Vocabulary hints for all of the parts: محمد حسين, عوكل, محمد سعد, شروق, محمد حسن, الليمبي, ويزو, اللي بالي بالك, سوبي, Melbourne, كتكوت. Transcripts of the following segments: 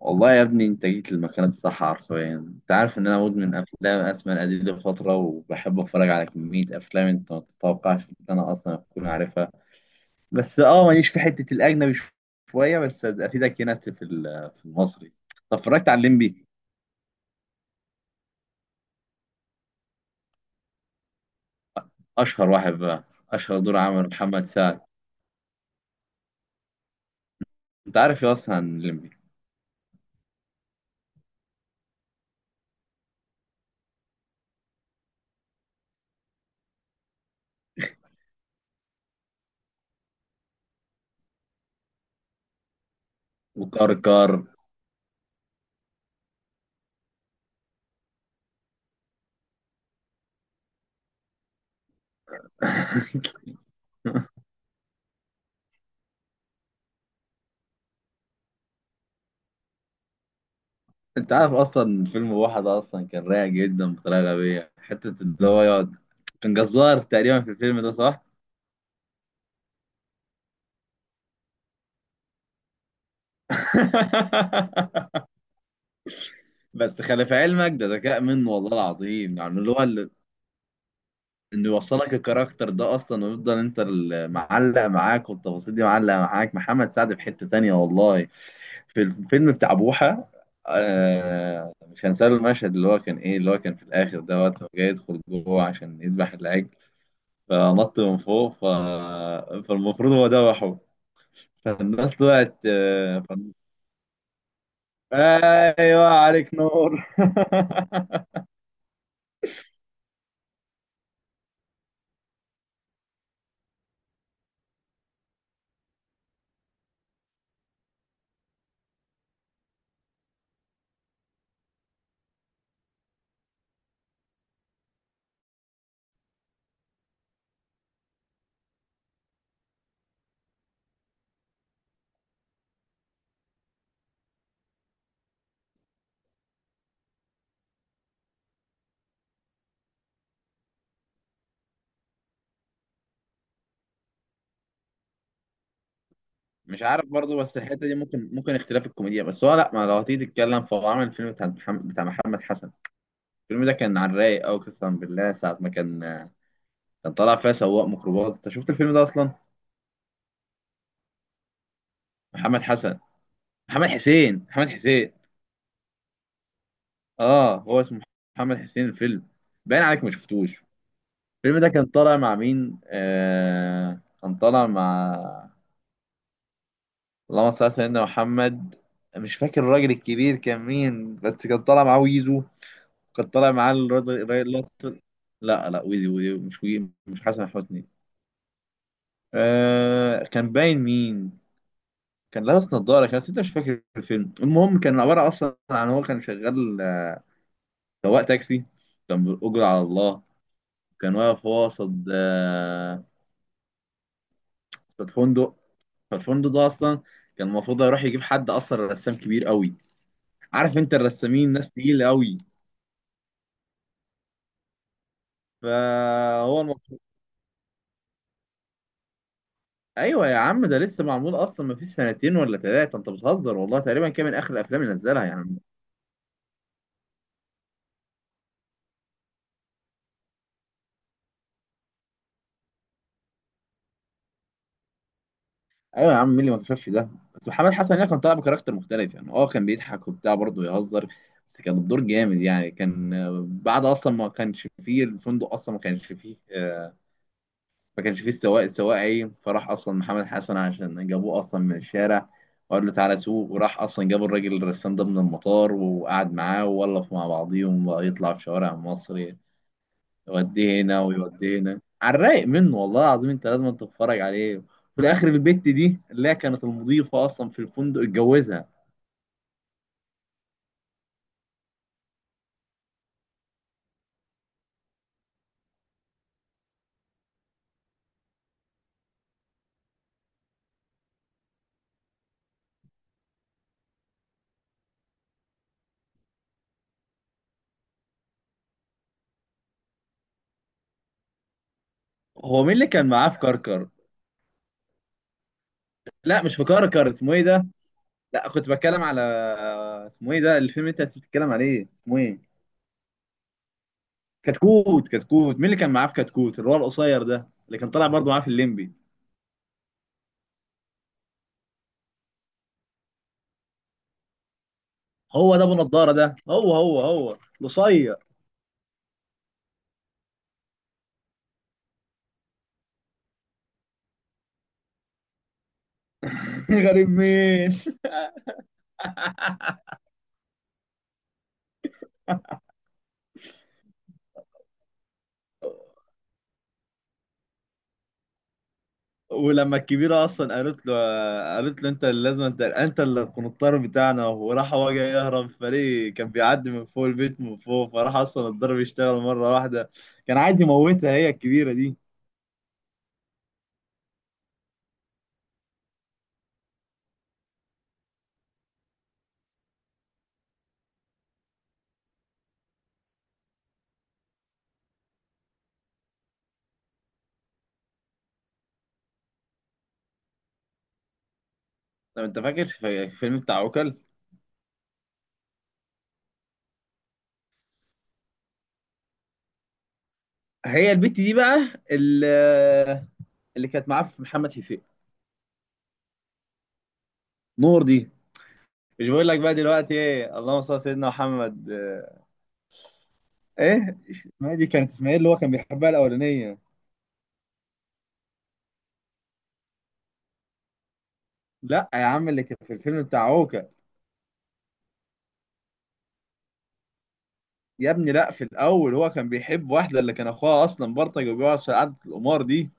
والله يا ابني انت جيت للمكان الصح حرفيا. انت عارف ان انا مدمن افلام، اسماء القدير لفتره، وبحب اتفرج على كميه افلام انت ما تتوقعش ان انا اصلا اكون عارفها. بس ماليش في حته الاجنبي، شويه، بس افيدك هنا في في المصري. طب، اتفرجت على الليمبي؟ اشهر واحد بقى. اشهر دور عمل محمد سعد. انت عارف يا اصلا عن الليمبي؟ وكار كار. انت عارف اصلا فيلم بوحة ده اصلا كان رايق جدا بطريقه غبيه، حته اللي هو يقعد. كان جزار تقريبا في الفيلم ده، صح؟ بس خلي في علمك ده ذكاء منه والله العظيم، يعني انه يوصلك الكاركتر ده اصلا ويفضل انت اللي معلق معاك، والتفاصيل دي معلقه معاك. محمد سعد في حته تانية والله، في الفيلم بتاع بوحة. آه مش هنساله المشهد اللي هو كان ايه، اللي هو كان في الاخر ده، وقت ما جاي يدخل جوه عشان يذبح العجل، فنط من فوق. فالمفروض هو ذبحه، فالناس طلعت، ايوه عليك نور. مش عارف برضو، بس الحته دي ممكن اختلاف الكوميديا. بس هو لا، ما لو هتيجي تتكلم، فهو عمل الفيلم بتاع محمد، بتاع محمد حسن. الفيلم ده كان على الرايق قوي قسما بالله، ساعه ما كان، كان طالع فيها سواق ميكروباص. انت شفت الفيلم ده اصلا؟ محمد حسن، محمد حسين، محمد حسين. اه هو اسمه محمد حسين، الفيلم. باين عليك ما شفتوش. الفيلم ده كان طالع مع مين؟ كان طالع مع، اللهم صل على سيدنا محمد، مش فاكر الراجل الكبير كان مين، بس كان طالع معاه ويزو. كان طالع معاه الراجل، لا لا، ويزو ويزو، مش حسن حسني. كان باين مين، كان لابس نظارة كان، بس أنت مش فاكر الفيلم. المهم كان عبارة أصلا عن هو كان شغال، سواق تاكسي، كان بالأجرة على الله. كان واقف هو قصاد، قصاد فندق. فالفندق ده اصلا كان المفروض هيروح يجيب حد اصلا رسام كبير قوي. عارف انت الرسامين ناس تقيله قوي. فهو المفروض. ايوه يا عم، ده لسه معمول اصلا، ما فيش سنتين ولا ثلاثه، انت بتهزر والله. تقريبا كان من اخر الافلام اللي نزلها يعني. ايوه يا عم، مين اللي ما اكتشفش ده؟ بس محمد حسن يعني كان طالع بكاركتر مختلف يعني، اه كان بيضحك وبتاع، برضه يهزر، بس كان الدور جامد يعني. كان بعد اصلا ما كانش فيه الفندق، اصلا ما كانش فيه، ما كانش فيه السواق، السواق ايه، فراح اصلا محمد حسن، عشان جابوه اصلا من الشارع وقال له تعالى سوق، وراح اصلا جاب الراجل الرسام ده من المطار، وقعد معاه وولف مع بعضيهم، بقى يطلع في شوارع مصر، يوديه هنا ويوديه هنا، على الرايق منه والله العظيم. انت لازم تتفرج عليه. في الاخر البت دي اللي هي كانت المضيفه اصلا في الفندق، اتجوزها. هو مين اللي كان معاه في كركر؟ لا مش في كركر، اسمه ايه ده؟ لا كنت بتكلم على، اسمه ايه ده الفيلم اللي انت بتتكلم عليه، اسمه ايه؟ كتكوت، كتكوت، مين اللي كان معاه في كتكوت؟ اللي هو القصير ده اللي كان طالع برضه معاه في الليمبي. هو ده ابو نضاره ده، هو هو هو القصير. غريب مين؟ ولما الكبيرة أصلا قالت له، قالت له أنت اللي لازم، أنت اللي القنطار بتاعنا، وراح هو جاي يهرب، فريق كان بيعدي من فوق البيت من فوق، فراح أصلا الضرب يشتغل مرة واحدة. كان عايز يموتها هي، الكبيرة دي. طب أنت فاكر في الفيلم بتاع عوكل؟ هي البت دي بقى، اللي كانت معاه في محمد حسين، نور دي. مش بقول لك بقى دلوقتي ايه، اللهم صل على سيدنا محمد، ايه، ما دي كانت اسماعيل اللي هو كان بيحبها الاولانيه. لا يا عم، اللي كان في الفيلم بتاع عوكة، يا ابني لا، في الاول هو كان بيحب واحده اللي كان اخوها اصلا برطج وبيقعد في قعده القمار دي.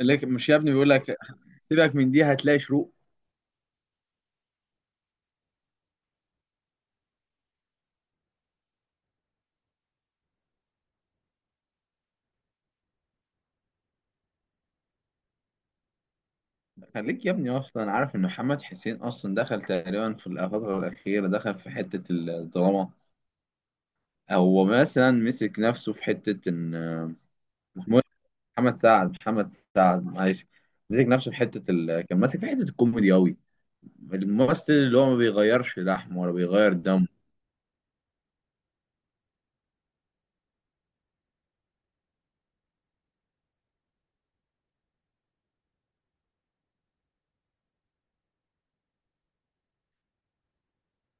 مش يا ابني بيقول لك، سيبك من دي، هتلاقي شروق. خليك يا ابني اصلا عارف ان محمد حسين اصلا دخل تقريبا في الفتره الاخيره دخل في حته الدراما. هو مثلا مسك نفسه في حته ان، محمود محمد سعد محمد سعد، معلش، مسك نفسه في كان ماسك في حته الكوميدي قوي، الممثل اللي هو ما بيغيرش لحمه ولا بيغير دمه.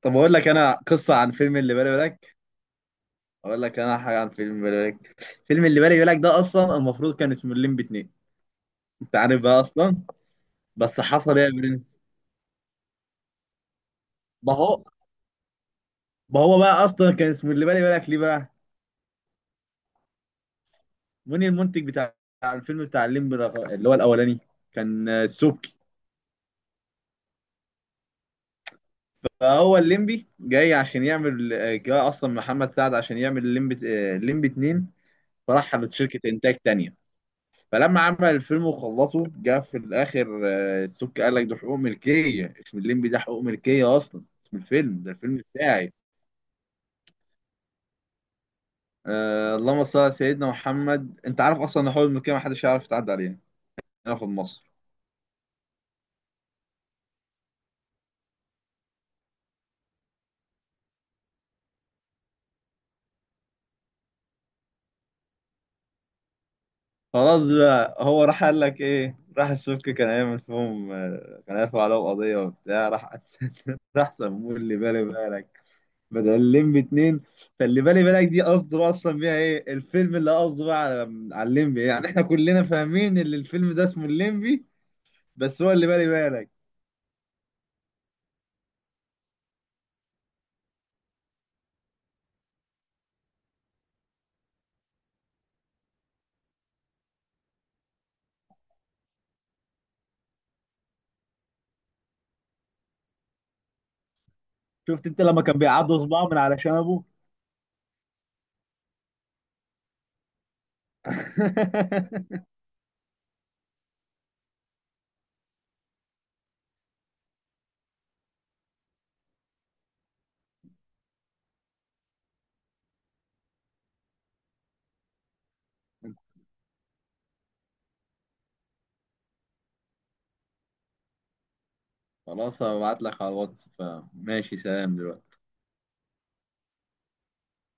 طب اقول لك انا قصه عن فيلم اللي بالي بالك. اقول لك انا حاجه عن فيلم بالي بالك. فيلم اللي بالي بالك ده اصلا المفروض كان اسمه الليمبي 2. انت عارف بقى اصلا، بس حصل ايه يا برنس؟ ما هو ما هو بقى اصلا كان اسمه اللي بالي بالك ليه بقى؟ مين المنتج بتاع الفيلم بتاع الليمبي اللي هو الاولاني؟ كان سوبي. فهو الليمبي جاي عشان يعمل، جاي اصلا محمد سعد عشان يعمل الليمبي، الليمبي اتنين. فراح على شركة انتاج تانية. فلما عمل الفيلم وخلصه، جه في الاخر السك قال لك ده حقوق ملكية اسم الليمبي، ده حقوق ملكية اصلا اسم الفيلم ده، الفيلم بتاعي. آه، اللهم صل على سيدنا محمد، انت عارف اصلا ان حقوق الملكية محدش يعرف يتعدى عليها هنا في مصر. خلاص بقى، هو راح قال لك ايه، راح السك كان هيعمل فيهم، كان هيرفع عليهم قضية وبتاع، راح راح سموه اللي بالي بالك بدل لمبي اتنين. فاللي بالي بالك دي قصده بقى اصلا بيها ايه، الفيلم اللي قصده بقى على، على الليمبي يعني. احنا كلنا فاهمين ان الفيلم ده اسمه الليمبي، بس هو اللي بالي بالك. شفت انت لما كان بيعضوا صباعه من على شنبه؟ خلاص هبعت لك على الواتس، فماشي سلام دلوقتي.